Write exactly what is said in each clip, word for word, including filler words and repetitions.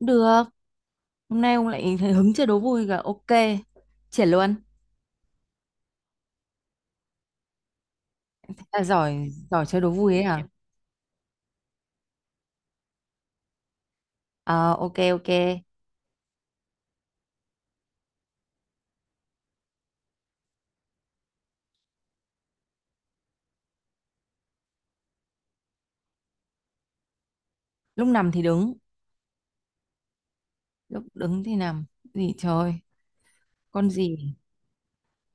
Được, hôm nay ông lại hứng chơi đố vui cả. Ok, triển luôn. À, giỏi, giỏi chơi đố vui ấy hả? Ờ, ok, ok. Lúc nằm thì đứng, lúc đứng thì nằm. Gì trời, con gì?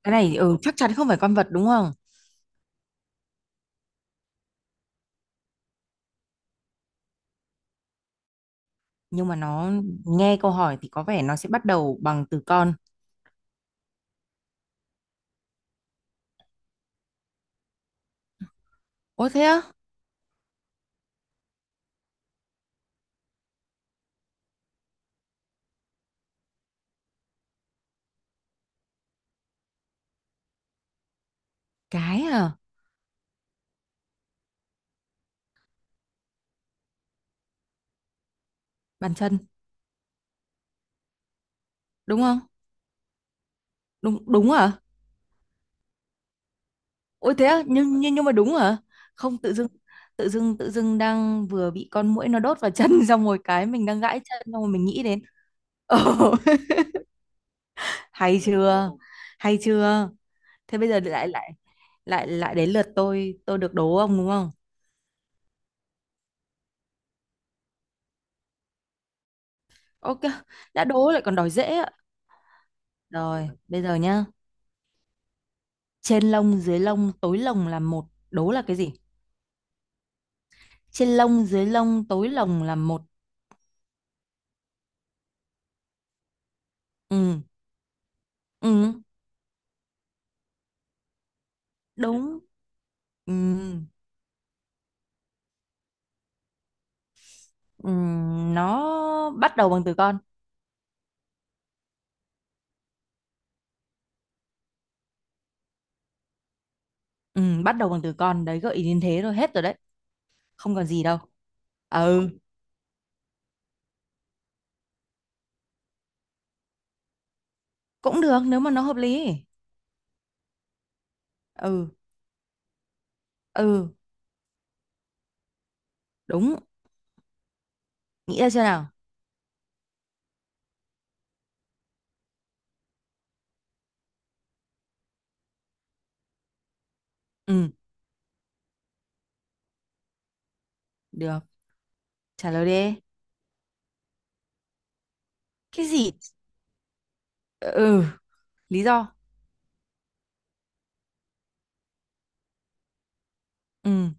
Cái này, ừ, chắc chắn không phải con vật đúng không? Nhưng mà nó nghe câu hỏi thì có vẻ nó sẽ bắt đầu bằng từ con. Ôi thế á? Cái à? Bàn chân, đúng không? Đúng, đúng hả? Ôi thế á, nhưng nhưng nhưng mà đúng hả? Không tự dưng, tự dưng tự dưng đang vừa bị con muỗi nó đốt vào chân xong rồi cái mình đang gãi chân xong rồi mình nghĩ đến. Ồ, hay chưa? Hay chưa? Thế bây giờ lại lại lại lại đến lượt tôi, tôi được đố ông đúng không? Ok, đã đố lại còn đòi dễ ạ. Rồi, bây giờ nhá. Trên lông dưới lông tối lông là một, đố là cái gì? Trên lông dưới lông tối lông là một. Ừ, ừ, đúng. Ừ, Ừm, nó bắt đầu bằng từ con. Ừm, bắt đầu bằng từ con đấy, gợi ý đến thế rồi, hết rồi đấy, không còn gì đâu. Ừ, cũng được nếu mà nó hợp lý. Ừ, ừ, đúng. Nghĩ ra chưa nào? Ừ, được, trả lời đi. Cái gì? Ừ, lý do? Ừ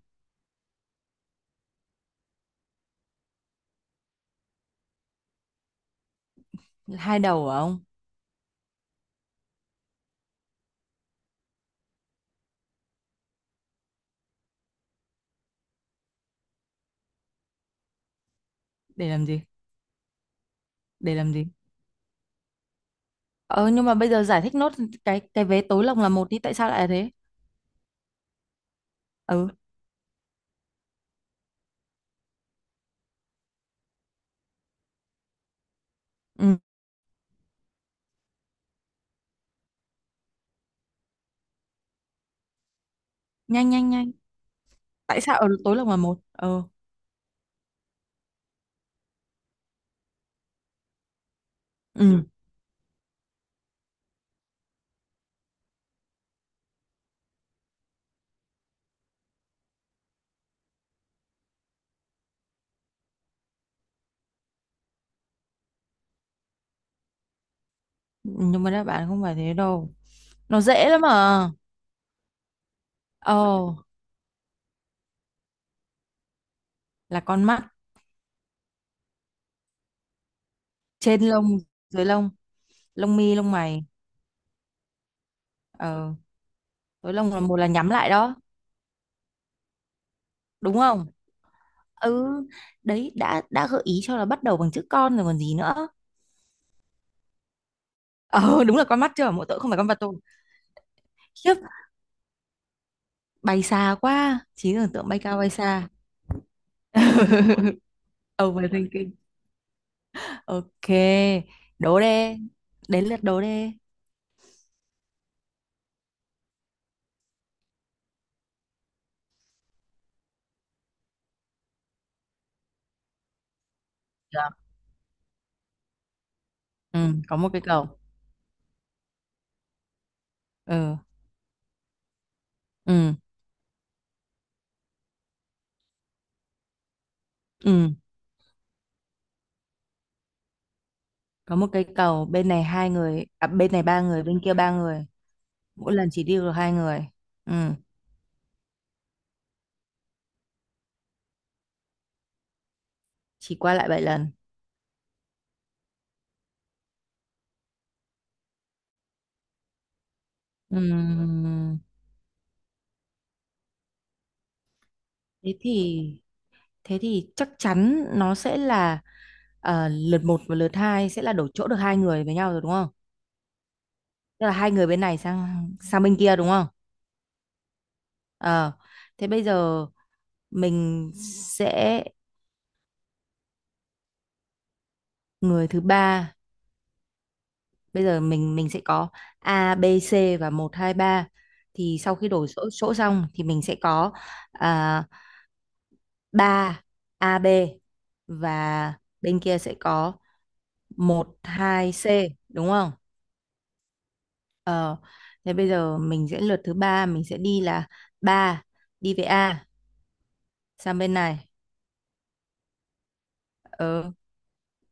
hai đầu hả ông? Để làm gì? Để làm gì? Ờ nhưng mà bây giờ giải thích nốt cái cái vé tối lồng là một đi, tại sao lại là thế? Ừ, ừ, nhanh nhanh nhanh. Tại sao ở tối lồng là một? Ừ, ừ, nhưng mà đáp án không phải thế đâu. Nó dễ lắm à. Ồ, là con mắt. Trên lông, dưới lông, lông mi, lông mày. Ờ, dưới lông là một là nhắm lại đó, đúng không? Ừ, đấy, đã đã gợi ý cho là bắt đầu bằng chữ con rồi còn gì nữa. Ờ, đúng là con mắt chưa, mỗi tội không phải con vật tôi. Khiếp, bay xa quá, trí tưởng tượng bay cao bay xa. Overthinking. Ok, đố đê. Đến lượt đố đê. Được. Ừ, có một cái cầu. Ừ, ừ, ừ. Có một cây cầu, bên này hai người, à, bên này ba người bên kia ba người, mỗi lần chỉ đi được hai người. Ừ, chỉ qua lại bảy lần. Ừm, thế thì, thế thì chắc chắn nó sẽ là, ờ, lượt một và lượt hai sẽ là đổi chỗ được hai người với nhau rồi đúng không? Tức là hai người bên này sang, sang bên kia đúng không? Ờ, thế bây giờ mình sẽ người thứ ba. Bây giờ mình mình sẽ có A B C và một hai ba, thì sau khi đổi chỗ, chỗ xong thì mình sẽ có, à, ba, a AB, và bên kia sẽ có một hai C, đúng không? Ờ, thế bây giờ mình sẽ lượt thứ ba mình sẽ đi là ba đi về A sang bên này. Ờ,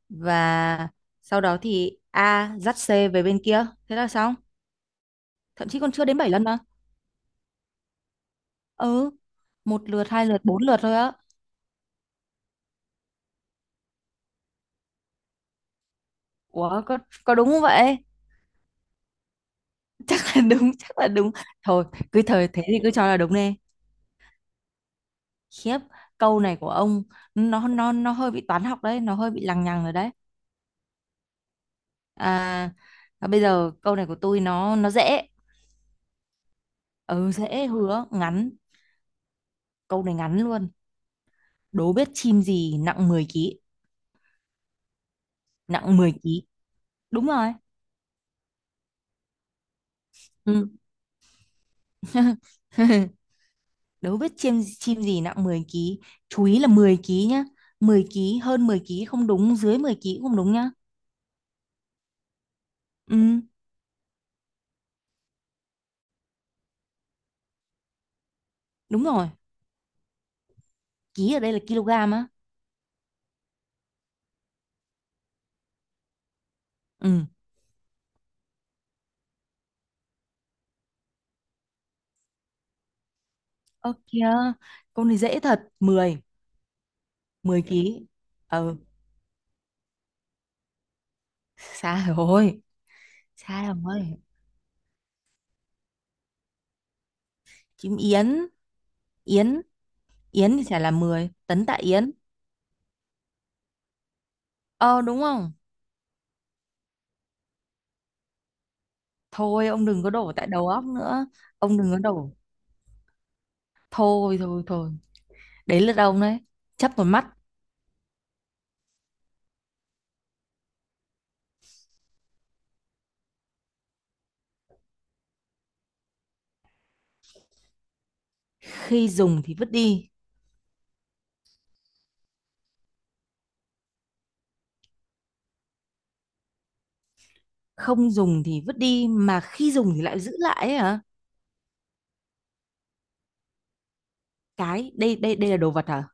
và sau đó thì A dắt C về bên kia, thế là xong. Thậm chí còn chưa đến bảy lần mà. Ừ, một lượt hai lượt bốn lượt thôi á. Ủa, có có đúng không vậy? Chắc là đúng, chắc là đúng. Thôi, cứ thời thế thì cứ cho là đúng đi. Khiếp, câu này của ông nó nó nó hơi bị toán học đấy, nó hơi bị lằng nhằng rồi đấy. À, à bây giờ câu này của tôi nó nó dễ. Ừ dễ hứa, ngắn. Câu này ngắn luôn. Đố biết chim gì nặng mười ký. Nặng mười ký. Đúng rồi. Ừ. Đố biết chim chim gì nặng mười ký. Chú ý là mười ký nhá. Mười ký, hơn mười ký không đúng, dưới mười ký cũng không đúng nhá. Ừ. Đúng rồi, ký ở đây là kg á. Ừ. Ơ kìa, con này dễ thật, mười, mười ký. Ừ, xa rồi, xa rồi. Chim yến, yến, yến thì chả là mười tấn tạ yến. Ờ đúng không? Thôi ông đừng có đổ tại đầu óc nữa. Ông đừng có đổ. Thôi thôi thôi. Đấy là ông đấy. Chấp vào mắt, khi dùng thì vứt đi, không dùng thì vứt đi mà khi dùng thì lại giữ lại ấy hả? Cái, đây đây đây là đồ vật hả?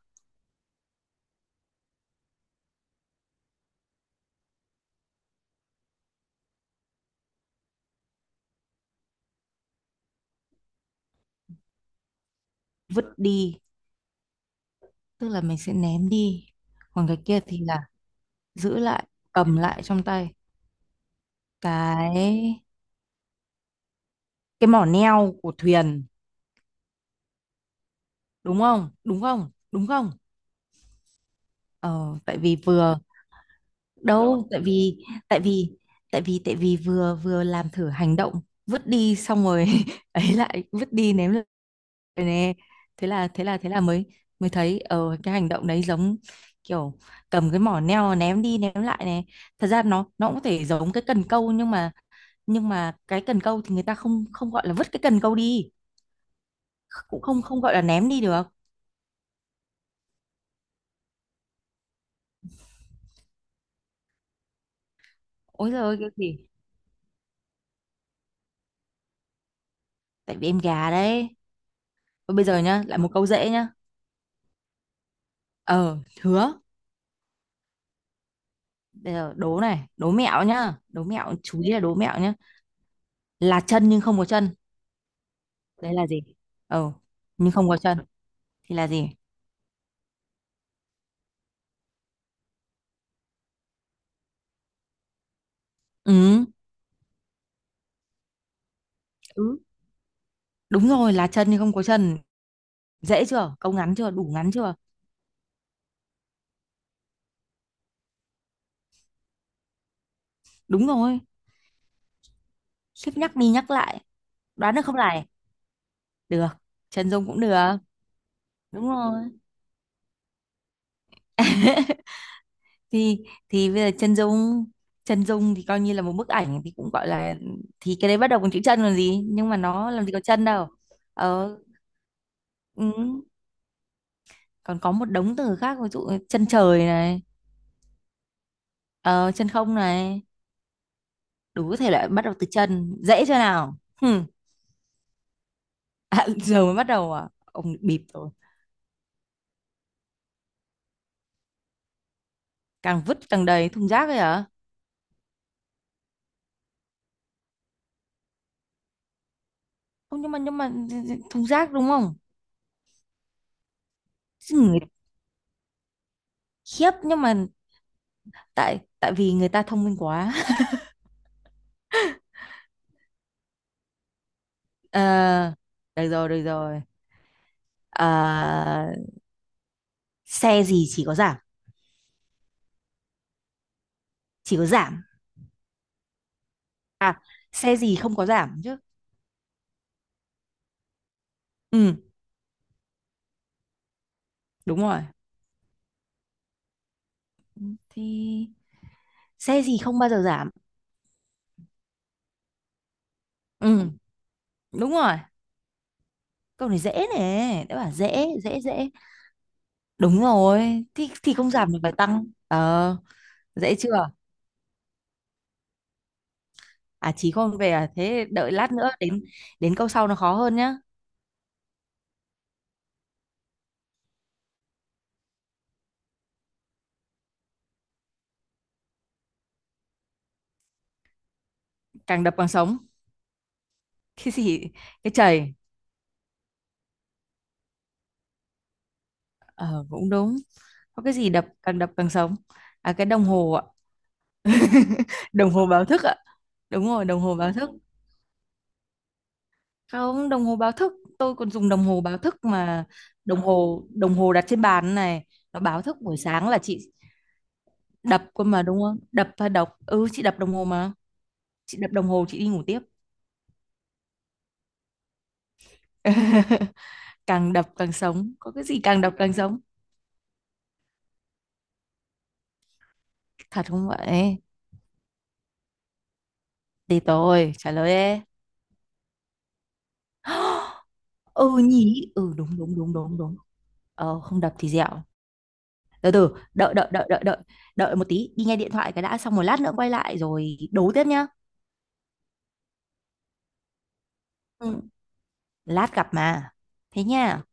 Vứt đi tức là mình sẽ ném đi, còn cái kia thì là giữ lại, cầm lại trong tay. cái cái mỏ neo của thuyền, đúng không? Đúng không đúng không Ờ tại vì vừa, đâu tại vì, tại vì tại vì tại vì vừa, vừa làm thử hành động vứt đi xong rồi ấy, lại vứt đi ném lại nè. Thế là, thế là thế là mới, mới thấy ờ cái hành động đấy giống kiểu cầm cái mỏ neo ném đi ném lại này. Thật ra nó nó cũng có thể giống cái cần câu, nhưng mà, nhưng mà cái cần câu thì người ta không, không gọi là vứt cái cần câu đi, cũng không, không gọi là ném đi được. Ôi giời ơi cái gì. Tại vì em gà đấy. Thôi bây giờ nhá, lại một câu dễ nhá. Ờ hứa. Bây giờ đố này, đố mẹo nhá, đố mẹo, chú ý là đố mẹo nhá. Là chân nhưng không có chân, đấy là gì? Ờ, nhưng không có chân thì là gì? Ừ, ừ, đúng rồi, là chân nhưng không có chân. Dễ chưa, câu ngắn chưa, đủ ngắn chưa? Đúng rồi. Khiếp nhắc đi nhắc lại. Đoán được không này? Được, chân dung cũng được. Đúng rồi. thì thì bây giờ chân dung, chân dung thì coi như là một bức ảnh thì cũng gọi là, thì cái đấy bắt đầu bằng chữ chân còn gì, nhưng mà nó làm gì có chân đâu. Ờ, ừ. Còn có một đống từ khác, ví dụ chân trời này, ờ, chân không này. Đủ thể loại bắt đầu từ chân, dễ chưa nào? Hừm. À, giờ mới bắt đầu à, ông bịp rồi. Càng vứt càng đầy, thùng rác ấy hả? Không, nhưng mà, nhưng mà thùng rác đúng không? Chứ người, khiếp nhưng mà, tại, tại vì người ta thông minh quá. Ờ, được rồi được rồi. Ờ, xe gì chỉ có giảm? Chỉ có giảm à, xe gì không có giảm chứ. Ừ, đúng rồi, thì xe gì không bao giờ giảm? Ừ, đúng rồi. Câu này dễ này, đã bảo dễ, dễ dễ. Đúng rồi, thì thì không giảm thì phải tăng. Ờ, dễ chưa? À chí không về à, thế đợi lát nữa đến, đến câu sau nó khó hơn nhá. Càng đập càng sống. Cái gì? Cái chày. Ờ cũng đúng. Có cái gì đập, càng đập càng sống? À, cái đồng hồ ạ. Đồng hồ báo thức ạ. Đúng rồi, đồng hồ báo thức. Không, đồng hồ báo thức, tôi còn dùng đồng hồ báo thức mà. Đồng hồ, đồng hồ đặt trên bàn này, nó báo thức buổi sáng là chị đập cơ mà đúng không, đập và đọc, ừ chị đập đồng hồ mà. Chị đập đồng hồ chị đi ngủ tiếp. Càng đập càng sống, có cái gì càng đập càng sống? Thật không vậy? Thì tôi trả lời ê. Ừ nhỉ, ừ đúng đúng đúng đúng đúng. Ờ, không đập thì dẹo. Từ từ, đợi đợi đợi đợi đợi đợi một tí đi nghe điện thoại cái đã, xong một lát nữa quay lại rồi đấu tiếp nhá. Ừ. Lát gặp mà, thế nha.